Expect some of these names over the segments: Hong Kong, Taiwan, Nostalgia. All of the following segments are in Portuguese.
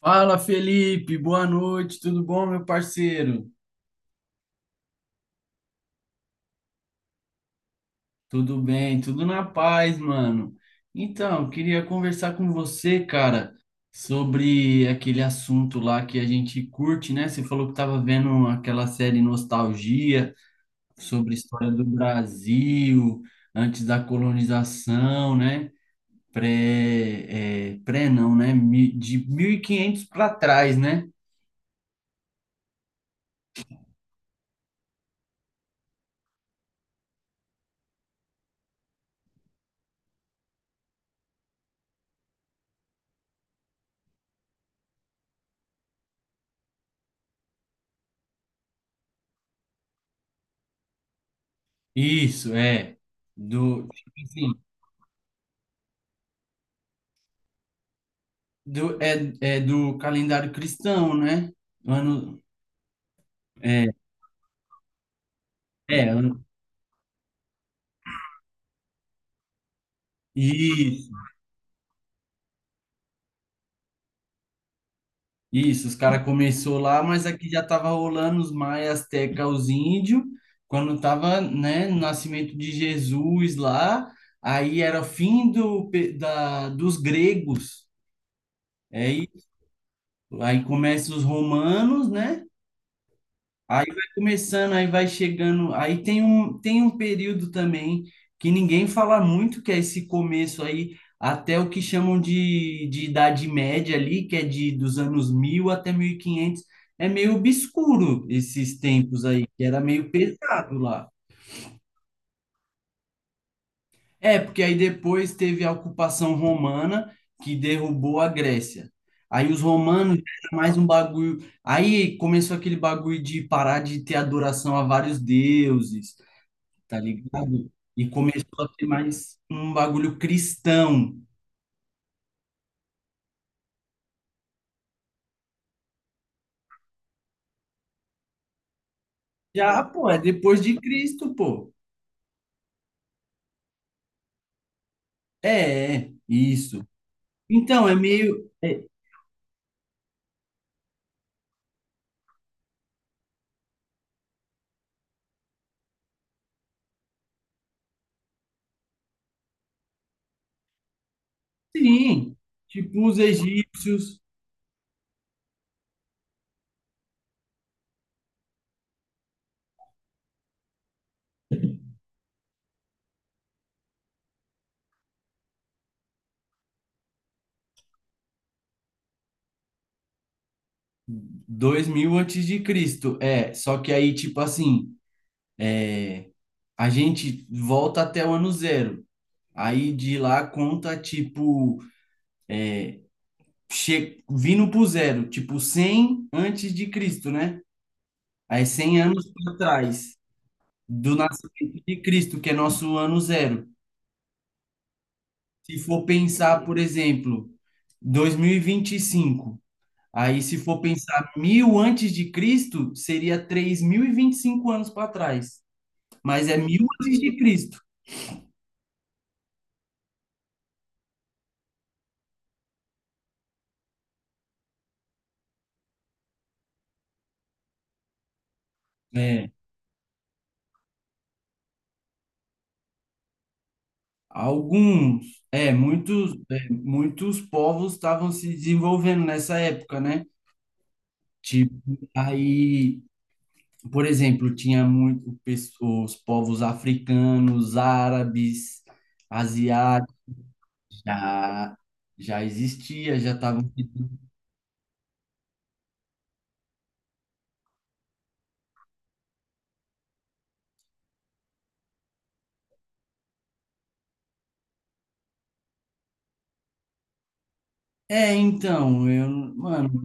Fala, Felipe, boa noite, tudo bom, meu parceiro? Tudo bem, tudo na paz, mano. Então, queria conversar com você, cara, sobre aquele assunto lá que a gente curte, né? Você falou que tava vendo aquela série Nostalgia sobre a história do Brasil antes da colonização, né? Pré, pré não, né? De 1500 para trás, né? Isso, é. Do, tipo assim, do, é, é do calendário cristão, né? Ano, é, é, ano- isso, isso, os caras começou lá, mas aqui já tava rolando os maias, azteca, os índios, quando tava, né, no nascimento de Jesus lá, aí era o fim do, dos gregos, aí, aí começa os romanos, né? Aí vai começando, aí vai chegando. Aí tem um período também que ninguém fala muito, que é esse começo aí, até o que chamam de Idade Média ali, que é de dos anos 1000 até mil e quinhentos. É meio obscuro esses tempos aí, que era meio pesado lá. É, porque aí depois teve a ocupação romana, que derrubou a Grécia. Aí os romanos era mais um bagulho. Aí começou aquele bagulho de parar de ter adoração a vários deuses. Tá ligado? E começou a ter mais um bagulho cristão. Já, pô, é depois de Cristo, pô. É, é, isso. Então, é meio. é, sim, tipo os egípcios, dois mil antes de Cristo. É, só que aí, tipo assim, é, a gente volta até o ano zero. Aí de lá conta, tipo, vindo pro zero, tipo 100 antes de Cristo, né? Aí 100 anos para trás. Do nascimento de Cristo, que é nosso ano zero. Se for pensar, por exemplo, dois mil e vinte e cinco, aí se for pensar mil antes de Cristo, seria três mil e vinte e cinco anos para trás. Mas é mil antes de Cristo. É, Muitos, muitos povos estavam se desenvolvendo nessa época, né? Tipo, aí, por exemplo, tinha os povos africanos, árabes, asiáticos. Já, Já existia, já tava. É, então, eu, mano,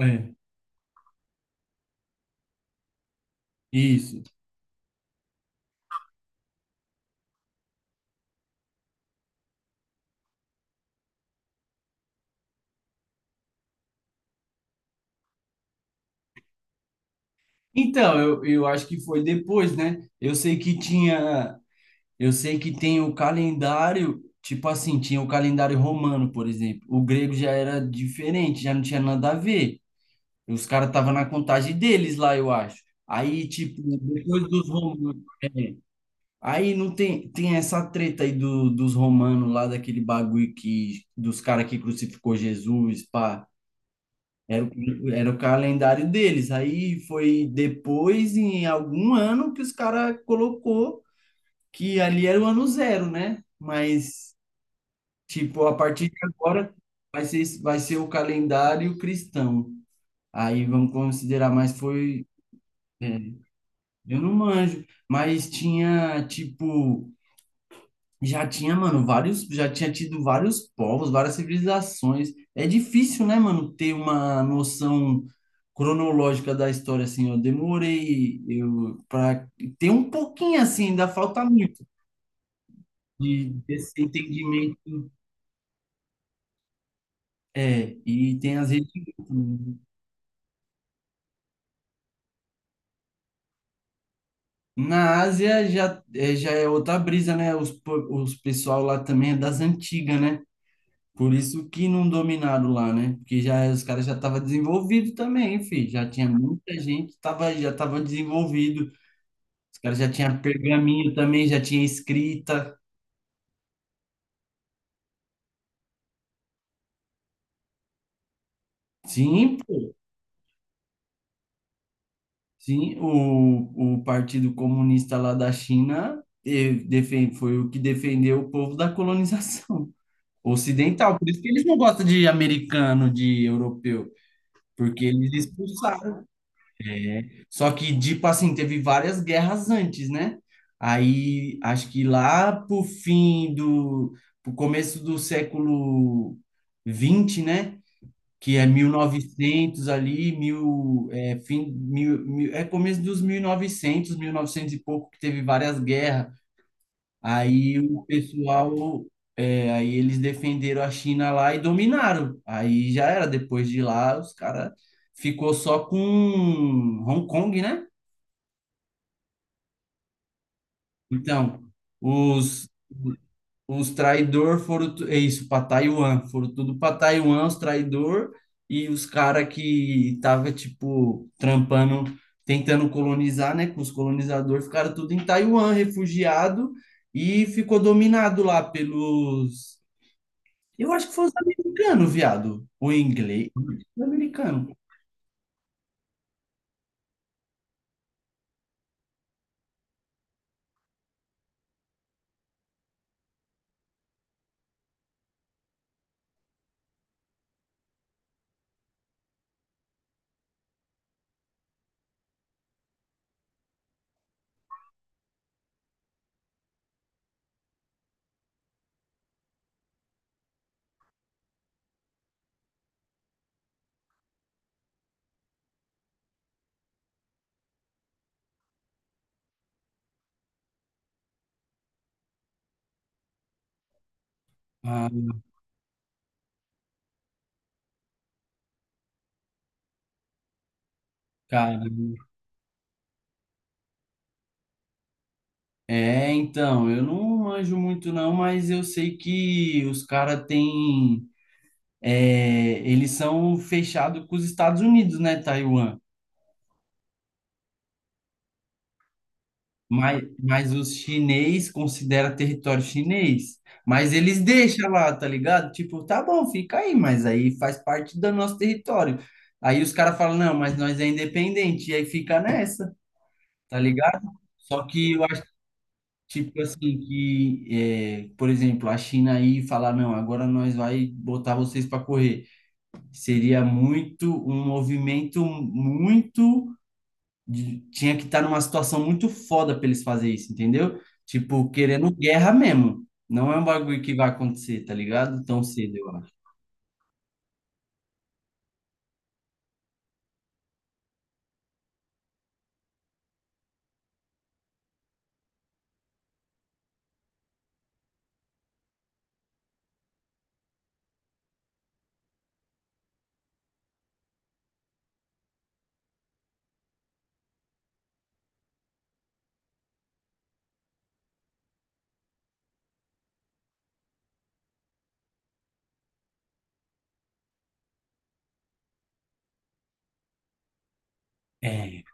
é, isso. Então, eu acho que foi depois, né? Eu sei que tinha, eu sei que tem o calendário, tipo assim, tinha o calendário romano, por exemplo. O grego já era diferente, já não tinha nada a ver. Os caras estavam na contagem deles lá, eu acho. Aí, tipo, depois dos romanos. é, Aí não tem, tem essa treta aí do, dos romanos lá, daquele bagulho que, dos caras que crucificou Jesus, pá. Era o calendário deles. Aí foi depois, em algum ano, que os caras colocou que ali era o ano zero, né? Mas, tipo, a partir de agora vai ser o calendário cristão. Aí vamos considerar, mas foi. é, eu não manjo, mas tinha, tipo. Já tinha, mano, vários, já tinha tido vários povos, várias civilizações. É difícil, né, mano, ter uma noção cronológica da história assim. Eu demorei eu para ter um pouquinho assim, ainda falta muito de desse entendimento. É, e tem as regiões. Na Ásia já é outra brisa, né? Os pessoal lá também é das antigas, né? Por isso que não dominaram lá, né? Porque já os caras já estavam desenvolvidos também, filho. Já tinha muita gente, tava, já estava desenvolvido. Os caras já tinham pergaminho também, já tinha escrita. Sim, pô. Sim, o Partido Comunista lá da China foi o que defendeu o povo da colonização ocidental. Por isso que eles não gostam de americano, de europeu, porque eles expulsaram. Só que, tipo assim, teve várias guerras antes, né? Aí, acho que lá pro começo do século 20, né? Que é mil e novecentos ali, mil, é, fim, mil, mil, é começo dos 1900, novecentos e pouco, que teve várias guerras. Aí o pessoal... É, aí eles defenderam a China lá e dominaram. Aí já era, depois de lá, os caras ficou só com Hong Kong, né? Então, os, é isso, para Taiwan, foram tudo para Taiwan, os traidores e os cara que tava tipo trampando, tentando colonizar, né, com os colonizadores, ficaram tudo em Taiwan, refugiado e ficou dominado lá pelos, eu acho que foi os americanos, viado, ou inglês, americano. Ah, cara, então, eu não manjo muito não, mas eu sei que os cara têm eles são fechados com os Estados Unidos, né, Taiwan? Mas os chinês considera território chinês. Mas eles deixam lá, tá ligado? Tipo, tá bom, fica aí, mas aí faz parte do nosso território. Aí os caras falam, não, mas nós é independente. E aí fica nessa, tá ligado? Só que eu acho, tipo assim, que, por exemplo, a China aí falar, não, agora nós vai botar vocês para correr. Seria muito, um movimento muito tinha que estar numa situação muito foda para eles fazer isso, entendeu? Tipo, querendo guerra mesmo. Não é um bagulho que vai acontecer, tá ligado? Tão cedo, eu acho. É.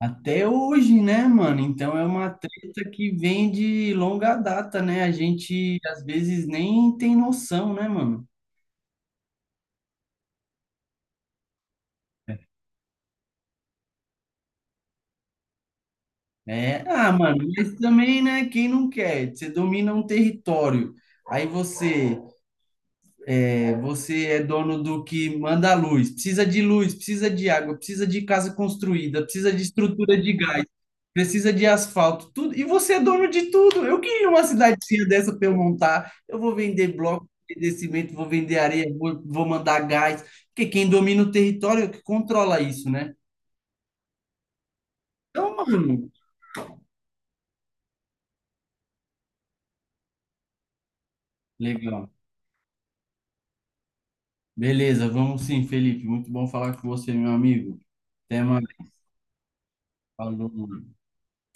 Até hoje, né, mano? Então é uma treta que vem de longa data, né? A gente às vezes nem tem noção, né, mano? É, ah, mano, mas também, né? Quem não quer? Você domina um território, aí você É, você é dono do que manda a luz, precisa de água, precisa de casa construída, precisa de estrutura de gás, precisa de asfalto, tudo. E você é dono de tudo. Eu queria uma cidadezinha dessa para eu montar. Eu vou vender bloco, vou vender cimento, vou vender areia, vou mandar gás. Porque quem domina o território é o que controla isso, né? Então, mano, legal. Beleza, vamos sim, Felipe. Muito bom falar com você, meu amigo. Até mais. Falou.